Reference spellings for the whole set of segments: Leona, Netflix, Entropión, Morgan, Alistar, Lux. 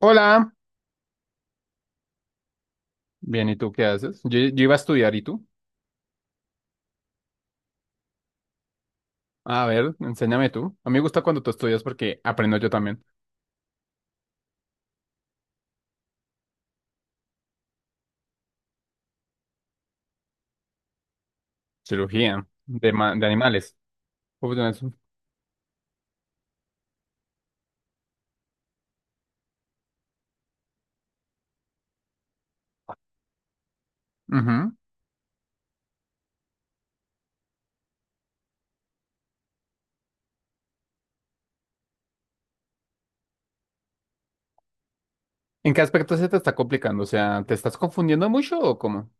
Hola. Bien, ¿y tú qué haces? Yo iba a estudiar, ¿y tú? A ver, enséñame tú. A mí me gusta cuando tú estudias porque aprendo yo también. Cirugía de animales. Uy, no, eso. Ujú. ¿En qué aspecto se te está complicando? O sea, ¿te estás confundiendo mucho o cómo?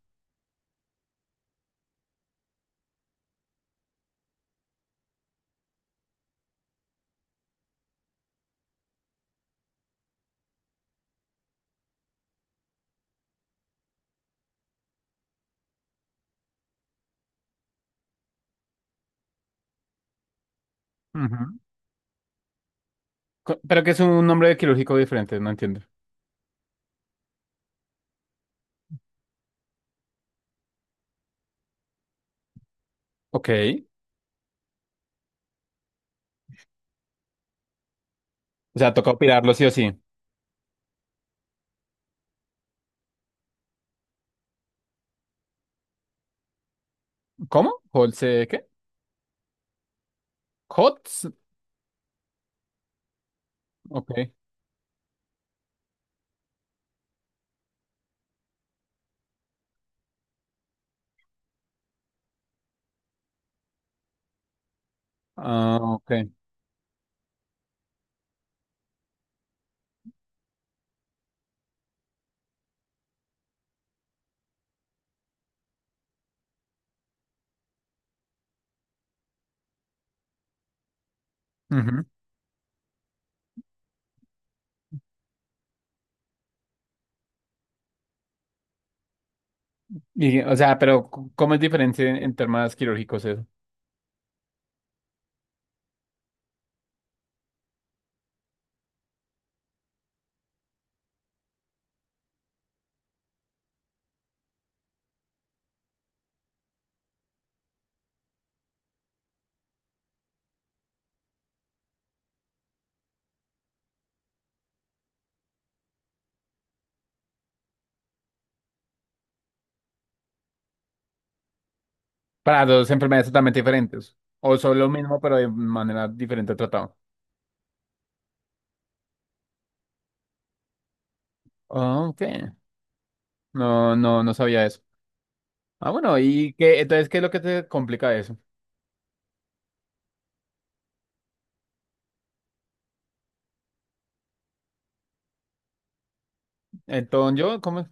Ujú. Pero que es un nombre quirúrgico diferente, no entiendo. Ok. O sea, toca operarlo sí o sí. ¿Cómo? ¿Holse qué? ¿Hots? Ok. Ah, ok. Ujú. Y, o sea, pero ¿cómo es diferente en temas quirúrgicos eso? Para dos enfermedades totalmente diferentes. O son lo mismo, pero de manera diferente tratado. Ah, ok. No, no, no sabía eso. Ah, bueno, ¿y qué? Entonces, ¿qué es lo que te complica eso? Entonces, yo, ¿cómo es?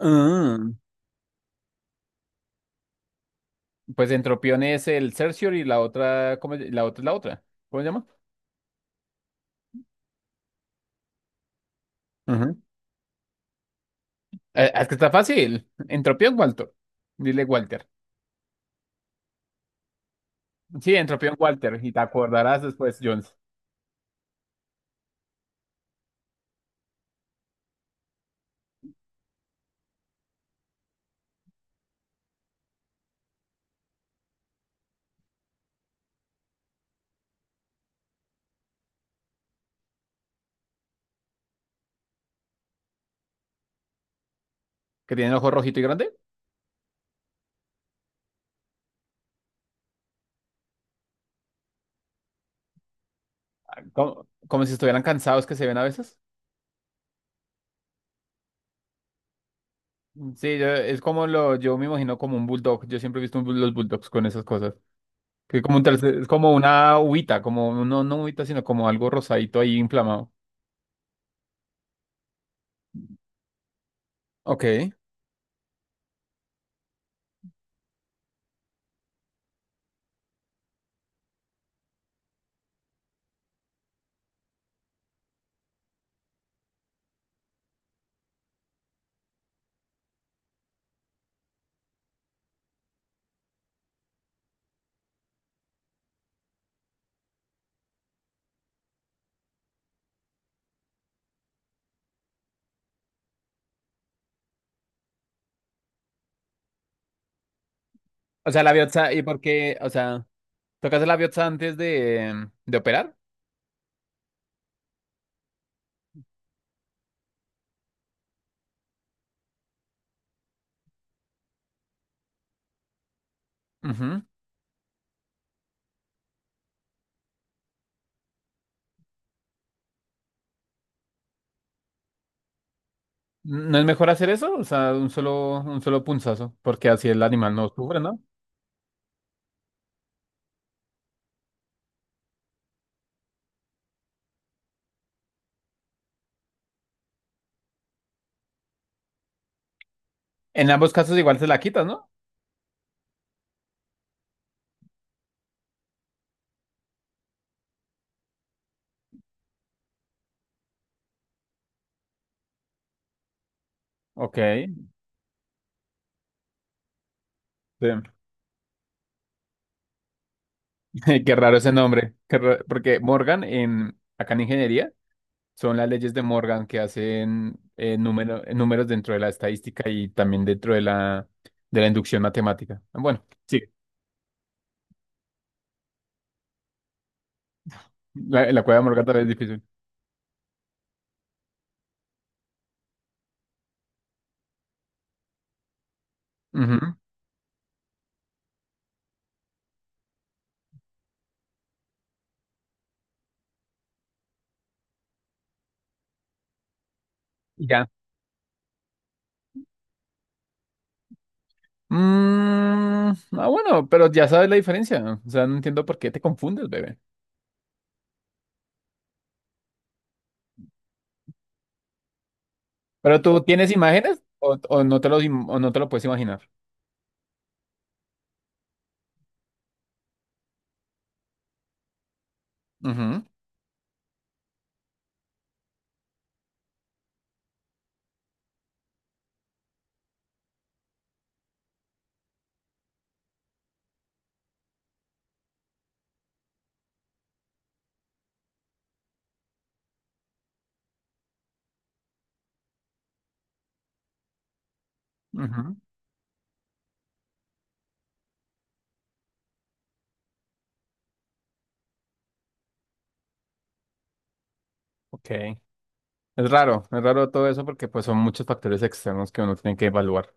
Ah, pues entropión es el Cercior y la otra, ¿cómo es? La otra es la otra. ¿Cómo se llama? Ajá. Es que está fácil. Entropión Walter. Dile Walter. Sí, entropión Walter. Y te acordarás después, Jones, que tiene el ojo rojito y grande. Como, como si estuvieran cansados que se ven a veces. Sí, es como lo, yo me imagino como un bulldog. Yo siempre he visto un los bulldogs con esas cosas. Que como un es como una uvita, como no, no uvita, sino como algo rosadito ahí inflamado. Ok. O sea, la biopsia, ¿y por qué? O sea, ¿tocas la biopsia antes de operar? Ujú. ¿No es mejor hacer eso? O sea, un solo punzazo, porque así el animal no sufre, ¿no? En ambos casos igual se la quitas, ¿no? Ok. Sí. Qué raro ese nombre. Porque Morgan en acá en ingeniería. Son las leyes de Morgan que hacen números dentro de la estadística y también dentro de la inducción matemática. Bueno, sí, la cueva de Morgan también es difícil. Ujú, y ya. Mm, ah, bueno, pero ya sabes la diferencia. O sea, no entiendo por qué te confundes, bebé. ¿Pero tú tienes imágenes o no te los o no te lo puedes imaginar? Ujú, ujú, ok. Es raro todo eso porque pues son muchos factores externos que uno tiene que evaluar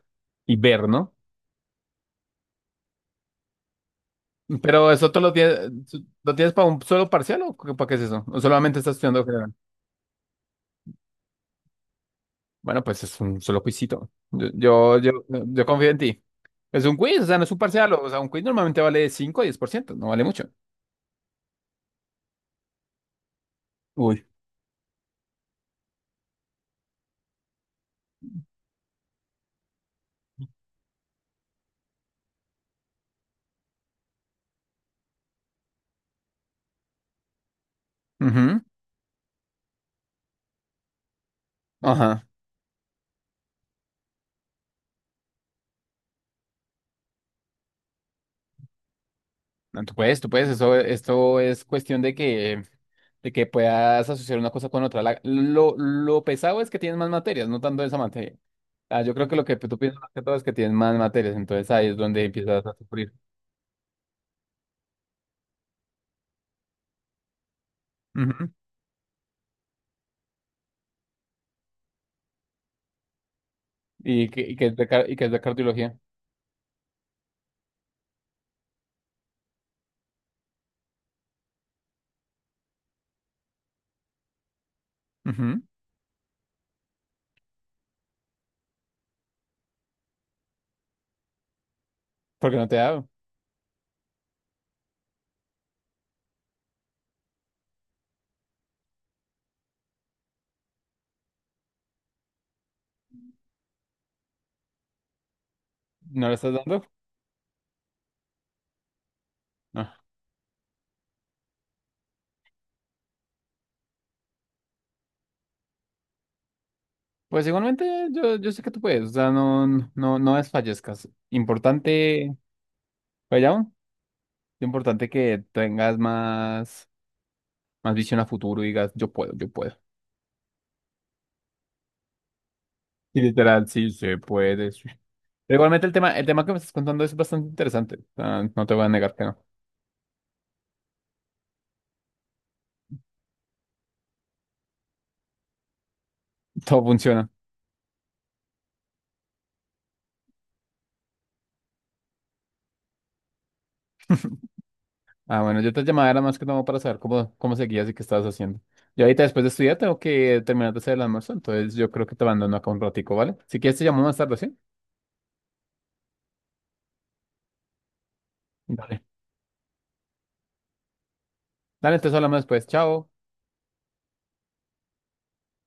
y ver, ¿no? Pero eso tú lo tienes para un solo parcial o para qué es eso? ¿O solamente estás estudiando general? Bueno, pues es un solo quizito. Yo confío en ti. Es un quiz, o sea, no es un parcial. O sea, un quiz normalmente vale 5 o diez por ciento no vale mucho. Uy. Ujú, ajá. No, tú puedes, tú puedes. Eso, esto es cuestión de que puedas asociar una cosa con otra. Lo pesado es que tienes más materias, no tanto esa materia. Ah, yo creo que lo que tú piensas más que todo es que tienes más materias, entonces ahí es donde empiezas a sufrir. Ujú. Y que es de cardiología. Ujú. Porque no te da, no le estás dando. Ah, pues igualmente yo, yo sé que tú puedes, o sea, no, no, no desfallezcas. Importante, vaya, importante que tengas más visión a futuro y digas, yo puedo, yo puedo. Y literal, sí, se puede. Sí. Pero igualmente el tema que me estás contando es bastante interesante. O sea, no te voy a negar que no. Todo funciona. Ah, bueno, yo te llamaba era más que todo para saber cómo seguías y qué estabas haciendo. Yo ahorita después de estudiar tengo que terminar de hacer el almuerzo, entonces yo creo que te abandono acá un ratico, ¿vale? Si quieres te llamo más tarde, ¿sí? Dale. Dale, entonces hablamos después. Chao.